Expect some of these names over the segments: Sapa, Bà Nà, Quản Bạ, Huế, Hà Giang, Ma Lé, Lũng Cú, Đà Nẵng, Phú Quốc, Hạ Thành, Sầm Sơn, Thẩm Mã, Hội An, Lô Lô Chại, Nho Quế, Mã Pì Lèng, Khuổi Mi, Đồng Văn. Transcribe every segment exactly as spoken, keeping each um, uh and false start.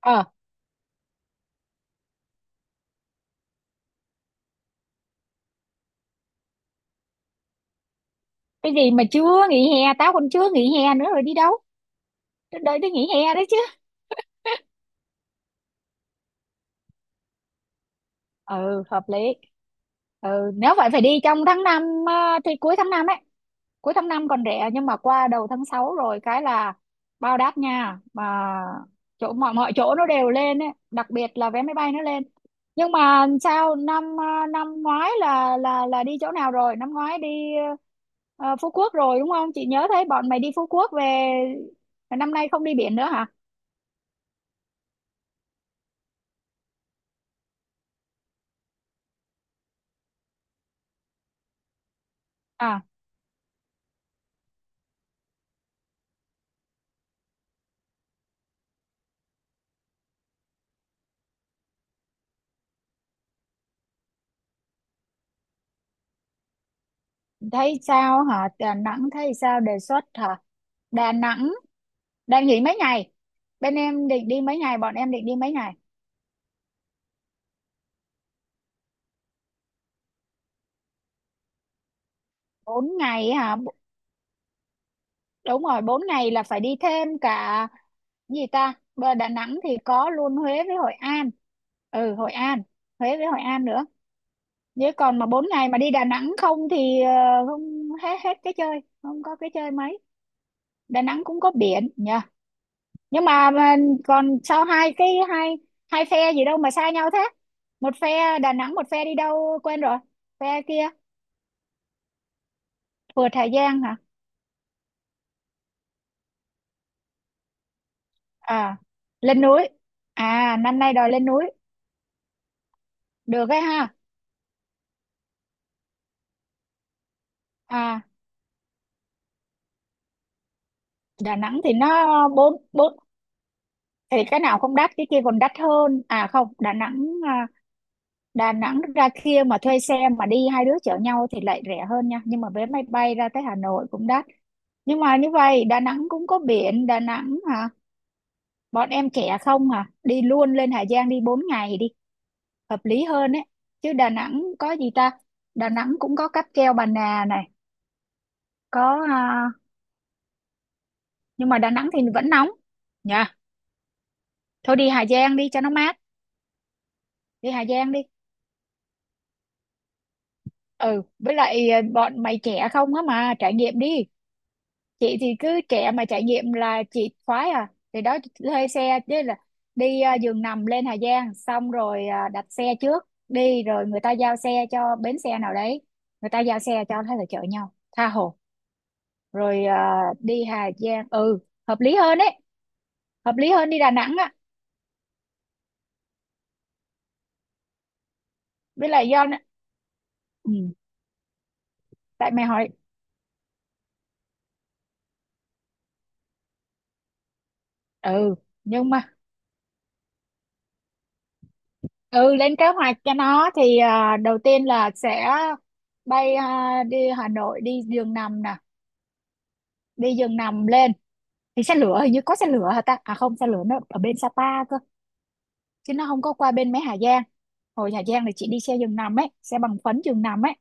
ờ cái gì mà chưa nghỉ hè, tao còn chưa nghỉ hè nữa rồi đi đâu? Tao đợi tới nghỉ hè đấy chứ. Ừ, hợp lý. Ừ, nếu vậy phải đi trong tháng năm. À, thì cuối tháng năm ấy. Cuối tháng năm còn rẻ, nhưng mà qua đầu tháng sáu rồi cái là bao đắt nha. Mà chỗ mọi mọi chỗ nó đều lên ấy, đặc biệt là vé máy bay nó lên. Nhưng mà sao năm à, năm ngoái là là là đi chỗ nào rồi? Năm ngoái đi ờ, Phú Quốc rồi đúng không? Chị nhớ thấy bọn mày đi Phú Quốc về. Năm nay không đi biển nữa hả? À, thấy sao hả? Đà Nẵng thấy sao, đề xuất hả? Đà Nẵng đang nghỉ mấy ngày? Bên em định đi mấy ngày? Bọn em định đi mấy ngày? Bốn ngày hả? B- Đúng rồi, bốn ngày là phải đi thêm cả gì ta? Bờ Đà Nẵng thì có luôn Huế với Hội An. Ừ, Hội An, Huế với Hội An nữa. Nếu còn mà bốn ngày mà đi Đà Nẵng không thì ờ, không hết hết cái chơi, không có cái chơi mấy. Đà Nẵng cũng có biển nhỉ? Nhưng mà, mà còn sao hai cái hai hai phe gì đâu mà xa nhau thế? Một phe Đà Nẵng, một phe đi đâu quên rồi, phe kia. Phượt Hà Giang hả? À, lên núi. À năm nay đòi lên núi. Được ấy ha. À Đà Nẵng thì nó bốn bốn. Thì cái nào không đắt cái kia còn đắt hơn. À không Đà Nẵng à, Đà Nẵng ra kia mà thuê xe mà đi, hai đứa chở nhau thì lại rẻ hơn nha, nhưng mà vé máy bay ra tới Hà Nội cũng đắt. Nhưng mà như vậy Đà Nẵng cũng có biển, Đà Nẵng hả. Bọn em trẻ không à, đi luôn lên Hà Giang đi bốn ngày đi, hợp lý hơn ấy. Chứ Đà Nẵng có gì ta? Đà Nẵng cũng có cáp treo Bà Nà này, có à, nhưng mà Đà Nẵng thì vẫn nóng nha. Thôi đi Hà Giang đi cho nó mát. Đi Hà Giang đi. Ừ, với lại à, bọn mày trẻ không á, mà trải nghiệm đi. Chị thì cứ trẻ mà trải nghiệm là chị khoái. À thì đó, thuê xe chứ là đi à, giường nằm lên Hà Giang, xong rồi à, đặt xe trước đi, rồi người ta giao xe cho bến xe nào đấy, người ta giao xe cho, thế là chở nhau tha hồ. Rồi à, đi Hà Giang, ừ, hợp lý hơn đấy, hợp lý hơn đi Đà Nẵng á. Với lại do ừ, tại mày hỏi. Ừ nhưng mà ừ lên kế hoạch cho nó thì à, đầu tiên là sẽ bay à, đi Hà Nội, đi giường nằm nè, đi giường nằm lên. Thì xe lửa hình như có xe lửa hả ta? À không, xe lửa nó ở bên Sapa cơ, chứ nó không có qua bên mấy Hà Giang. Hồi Hà Giang thì chị đi xe giường nằm ấy, xe bằng phấn giường nằm ấy.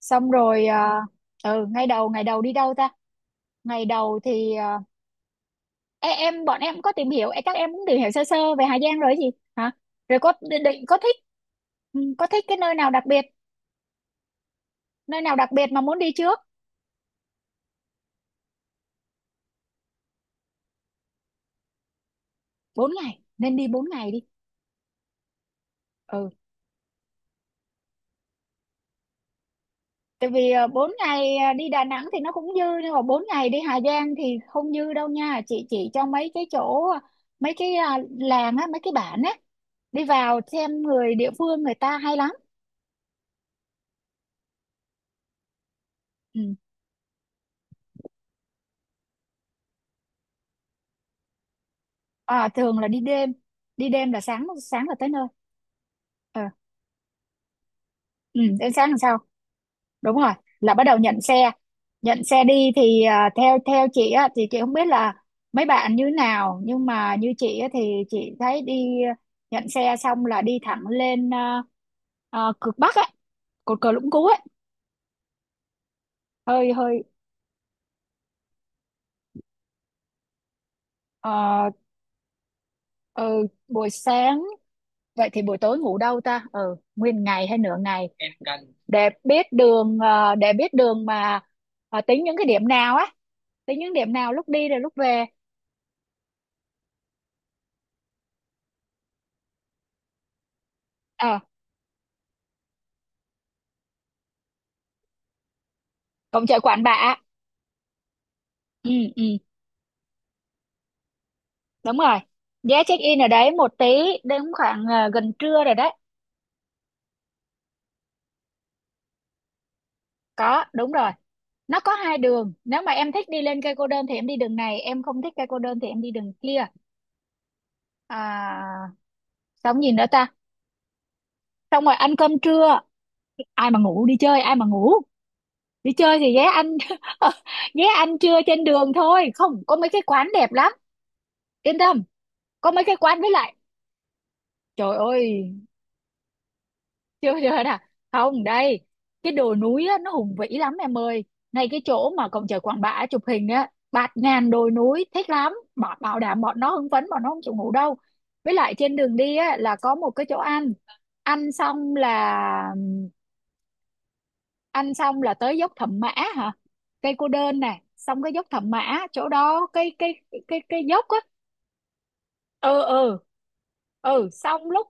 Xong rồi ờ, ừ, ngày đầu ngày đầu đi đâu ta? Ngày đầu thì ờ, e- em bọn em có tìm hiểu, e, các em cũng tìm hiểu sơ sơ về Hà Giang rồi gì hả? Rồi có định định- có thích, ừ, có thích cái nơi nào đặc biệt, nơi nào đặc biệt mà muốn đi trước. Bốn ngày, nên đi bốn ngày đi. Ừ tại vì à, bốn ngày à, đi Đà Nẵng thì nó cũng dư, nhưng mà bốn ngày đi Hà Giang thì không dư đâu nha. Chị chỉ cho mấy cái chỗ, mấy cái à, làng á, mấy cái bản á, đi vào xem người địa phương, người ta hay lắm. Ừ. À, thường là đi đêm, đi đêm là sáng sáng là tới nơi. Ờ. Ừ, đến sáng làm sao, đúng rồi, là bắt đầu nhận xe. Nhận xe đi thì à, theo theo chị á thì chị không biết là mấy bạn như nào, nhưng mà như chị á, thì chị thấy đi à, nhận xe xong là đi thẳng lên à, à, cực Bắc á, cột cờ Lũng Cú ấy. Hơi hơi ờ, ờ, Buổi sáng, vậy thì buổi tối ngủ đâu ta? Ừ, nguyên ngày hay nửa ngày, để biết đường ờ, để biết đường mà ờ, tính những cái điểm nào á, tính những điểm nào lúc đi rồi lúc về. Ờ. Cổng chợ Quản Bạ. Ừ. Ừ. Đúng rồi, giá check in ở đấy một tí, đến khoảng ờ, gần trưa rồi đấy. Có, đúng rồi, nó có hai đường, nếu mà em thích đi lên cây cô đơn thì em đi đường này, em không thích cây cô đơn thì em đi đường kia. À, xong gì nữa ta? Xong rồi ăn cơm trưa. Ai mà ngủ, đi chơi ai mà ngủ. Đi chơi thì ghé ăn. Ghé ăn trưa trên đường thôi, không có mấy cái quán đẹp lắm, yên tâm, có mấy cái quán. Với lại, trời ơi, chưa chưa nè, không đây. Cái đồi núi á, nó hùng vĩ lắm em ơi. Ngay cái chỗ mà cổng trời Quản Bạ chụp hình á, bạt ngàn đồi núi thích lắm, bảo, bảo đảm bọn nó hưng phấn, bọn nó không chịu ngủ đâu. Với lại trên đường đi á là có một cái chỗ ăn. ăn xong là Ăn xong là tới dốc Thẩm Mã hả. Cây cô đơn nè, xong cái dốc Thẩm Mã. Chỗ đó cái cái cái cái dốc á. Ừ ừ. Ừ xong lúc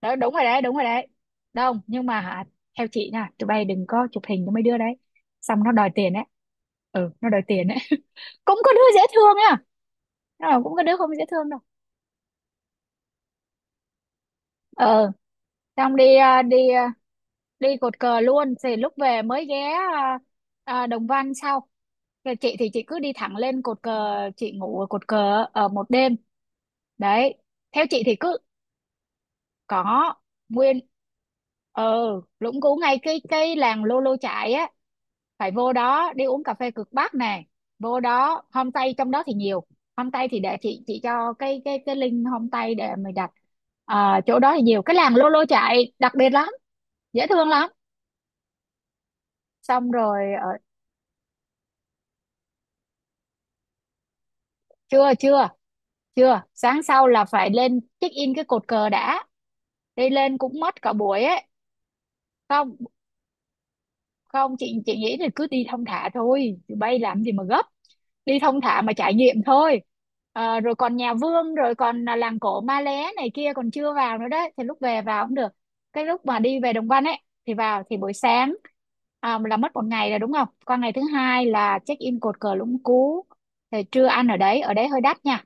đó, đúng rồi đấy, đúng rồi đấy. Đúng, nhưng mà hả, theo chị nha, tụi bay đừng có chụp hình cho mấy đứa đấy, xong nó đòi tiền đấy. Ừ nó đòi tiền đấy. Cũng có đứa dễ thương nha. Ờ, cũng có đứa không dễ thương đâu. Ờ xong đi à, đi à, đi cột cờ luôn thì lúc về mới ghé à, à, Đồng Văn sau. Rồi chị thì chị cứ đi thẳng lên cột cờ, chị ngủ ở cột cờ ở một đêm đấy. Theo chị thì cứ có nguyên ờ, Lũng Cú, ngay cái cái làng Lô Lô Chại á, phải vô đó đi uống cà phê cực Bắc nè, vô đó homestay trong đó thì nhiều. Homestay thì để chị chị cho cái cái cái link homestay để mày đặt. À, chỗ đó thì nhiều, cái làng Lô Lô Chại đặc biệt lắm, dễ thương lắm. Xong rồi ờ, chưa chưa chưa, sáng sau là phải lên check in cái cột cờ đã, đi lên cũng mất cả buổi ấy. Không không, chị chị nghĩ là cứ đi thong thả thôi, bay làm gì mà gấp, đi thong thả mà trải nghiệm thôi. Ờ, rồi còn nhà Vương, rồi còn là làng cổ Ma Lé này kia còn chưa vào nữa đấy, thì lúc về vào cũng được, cái lúc mà đi về Đồng Văn ấy thì vào thì buổi sáng. À, là mất một ngày rồi đúng không, qua ngày thứ hai là check in cột cờ Lũng Cú, thì trưa ăn ở đấy, ở đấy hơi đắt nha.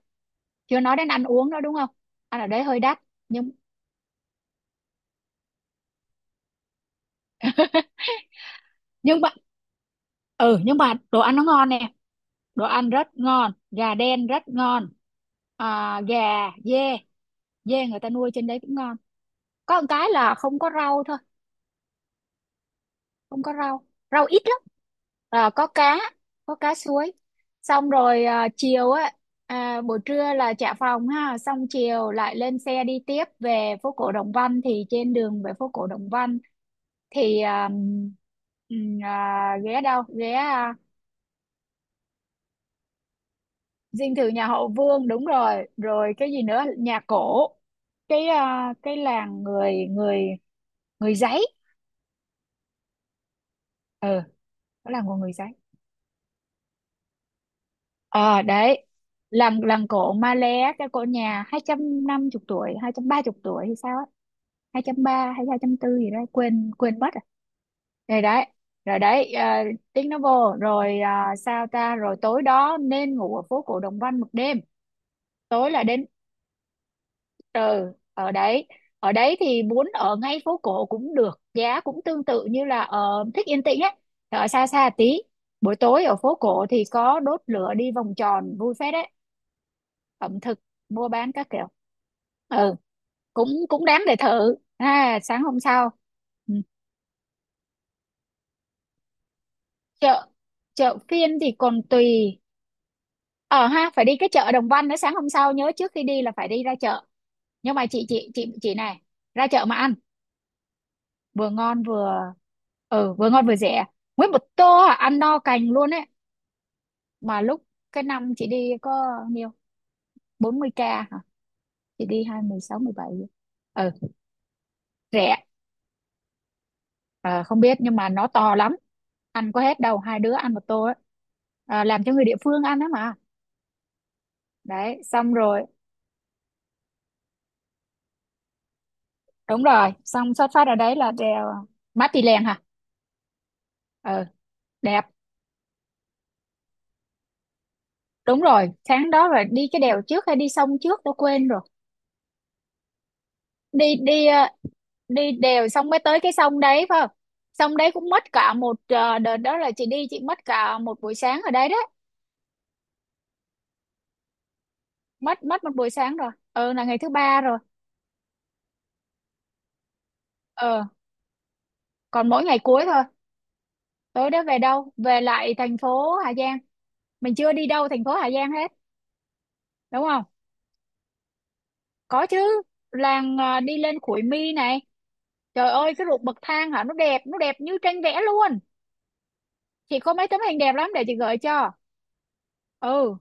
Chưa nói đến ăn uống nữa đúng không, ăn ở đấy hơi đắt. nhưng nhưng mà ừ, nhưng mà đồ ăn nó ngon nè, đồ ăn rất ngon, gà đen rất ngon. À, gà dê, dê người ta nuôi trên đấy cũng ngon. Có một cái là không có rau thôi, không có rau, rau ít lắm. À, có cá, có cá suối. Xong rồi à, chiều á, à, buổi trưa là trả phòng ha, xong chiều lại lên xe đi tiếp về phố cổ Đồng Văn, thì trên đường về phố cổ Đồng Văn thì à, ừm, à, ghé đâu ghé à, dinh thự nhà họ Vương, đúng rồi. Rồi cái gì nữa, nhà cổ, cái à, cái làng người người người giấy. Ừ, đó là của người giấy. Ờ đấy, làng làng cổ Malé, cái cổ nhà hai trăm năm mươi tuổi, hai trăm ba mươi tuổi hay sao á, hai trăm ba hay hai trăm linh tư gì đó, quên quên mất rồi. Rồi đấy, rồi đấy, à, tiếng nó vô rồi, à sao ta, rồi tối đó nên ngủ ở phố cổ Đồng Văn một đêm. Tối là đến, ừ ở đấy, ở đấy thì muốn ở ngay phố cổ cũng được, giá cũng tương tự, như là ở thích yên tĩnh á, ở xa xa tí. Buổi tối ở phố cổ thì có đốt lửa đi vòng tròn vui phết đấy, ẩm thực mua bán các kiểu. Ừ, cũng cũng đáng để thử. À sáng hôm sau. Ừ. chợ chợ phiên thì còn tùy. ờ Ha, phải đi cái chợ Đồng Văn nữa. Sáng hôm sau nhớ trước khi đi là phải đi ra chợ. Nhưng mà chị chị chị chị này, ra chợ mà ăn vừa ngon vừa ừ vừa ngon vừa rẻ. Nguyên một tô, à, ăn no cành luôn ấy. Mà lúc Cái năm chị đi có nhiêu bốn mươi ca hả? Chị đi hai mười sáu, mười bảy. Ừ, rẻ. Ờ, Không biết nhưng mà nó to lắm, ăn có hết đâu, hai đứa ăn một tô ấy. Ờ, làm cho người địa phương ăn đó mà. Đấy, xong rồi. Đúng rồi, xong xuất phát ở đấy là đèo Mã Pì Lèng hả? Ừ, đẹp. Đúng rồi, sáng đó là đi cái đèo trước hay đi sông trước tôi quên rồi. Đi đi ờ, Đi đều xong mới tới cái sông đấy phải không? Sông đấy cũng mất cả một, ờ, đợt đó là chị đi, chị mất cả một buổi sáng ở đấy đấy. Mất mất một buổi sáng rồi, ừ, là ngày thứ ba rồi. ờ Còn mỗi ngày cuối thôi. Tối đó về đâu, về lại thành phố Hà Giang. Mình chưa đi đâu thành phố Hà Giang hết, đúng không? Có chứ. Làng, ờ, đi lên Khuổi Mi này, trời ơi, cái ruộng bậc thang hả, nó đẹp, nó đẹp như tranh vẽ luôn. Chị có mấy tấm hình đẹp lắm để chị gửi cho. Ừ,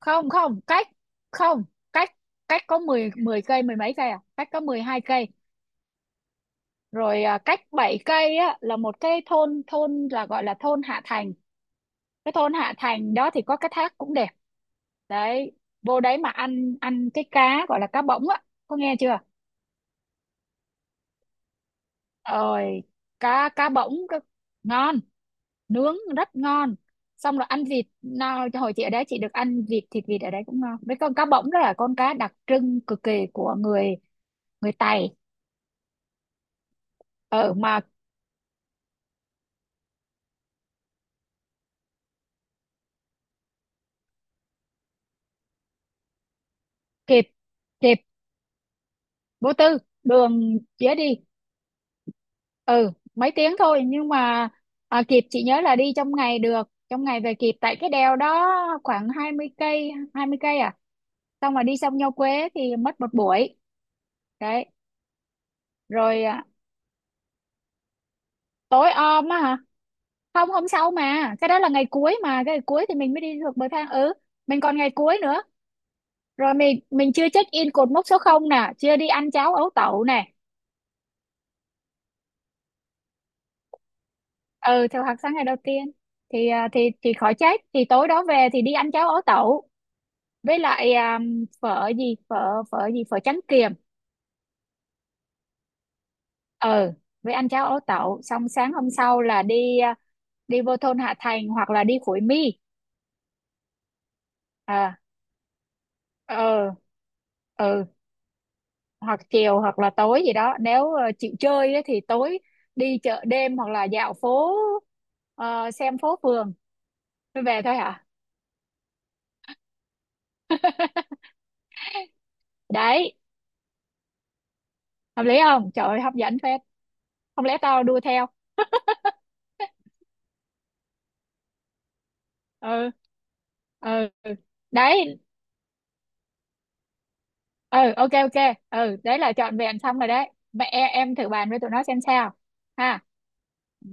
không không cách không cách cách có mười mười cây, mười mấy cây à, cách có mười hai cây. Rồi à, cách bảy cây á, là một cái thôn thôn là gọi là thôn Hạ Thành. Cái thôn Hạ Thành đó thì có cái thác cũng đẹp đấy. Vô đấy mà ăn, ăn cái cá gọi là cá bỗng á, có nghe chưa? Ơi, cá cá bỗng cá-, ngon, nướng rất ngon. Xong rồi ăn vịt nào, hồi chị ở đấy chị được ăn vịt, thịt vịt ở đấy cũng ngon, với con cá bỗng đó là con cá đặc trưng cực kỳ của người người Tày. Ừ mà, kịp, kịp vô tư, đường dễ đi. Ừ mấy tiếng thôi, nhưng mà, à, kịp. Chị nhớ là đi trong ngày được, trong ngày về kịp, tại cái đèo đó khoảng hai mươi cây, hai mươi cây à. Xong mà đi xong Nho Quế thì mất một buổi, đấy. Rồi à, tối om á hả? Không, hôm sau, mà cái đó là ngày cuối, mà cái ngày cuối thì mình mới đi được bậc thang, ừ. Mình còn ngày cuối nữa, rồi mình mình chưa check in cột mốc số không nè, chưa đi ăn cháo ấu tẩu nè. Ừ, theo hạt sáng ngày đầu tiên. Thì à, thì thì khỏi chết, thì tối đó về thì đi ăn cháo ấu tẩu. Với lại à, phở gì, phở phở gì, phở trắng kiềm. Ừ, với ăn cháo ấu tẩu xong sáng hôm sau là đi, à, đi vô thôn Hạ Thành hoặc là đi Khối Mi. À, ừ ừ, hoặc chiều hoặc là tối gì đó, nếu ờ, chịu chơi ấy, thì tối đi chợ đêm hoặc là dạo phố, ờ, xem phố phường rồi về thôi hả? Đấy, hợp lý không, trời ơi hấp dẫn phết. Không lẽ tao đua theo. Ừ ừ, đấy. Ừ, ok ok, ừ đấy là trọn vẹn xong rồi đấy. Mẹ em thử bàn với tụi nó xem sao. Ha. Ừ.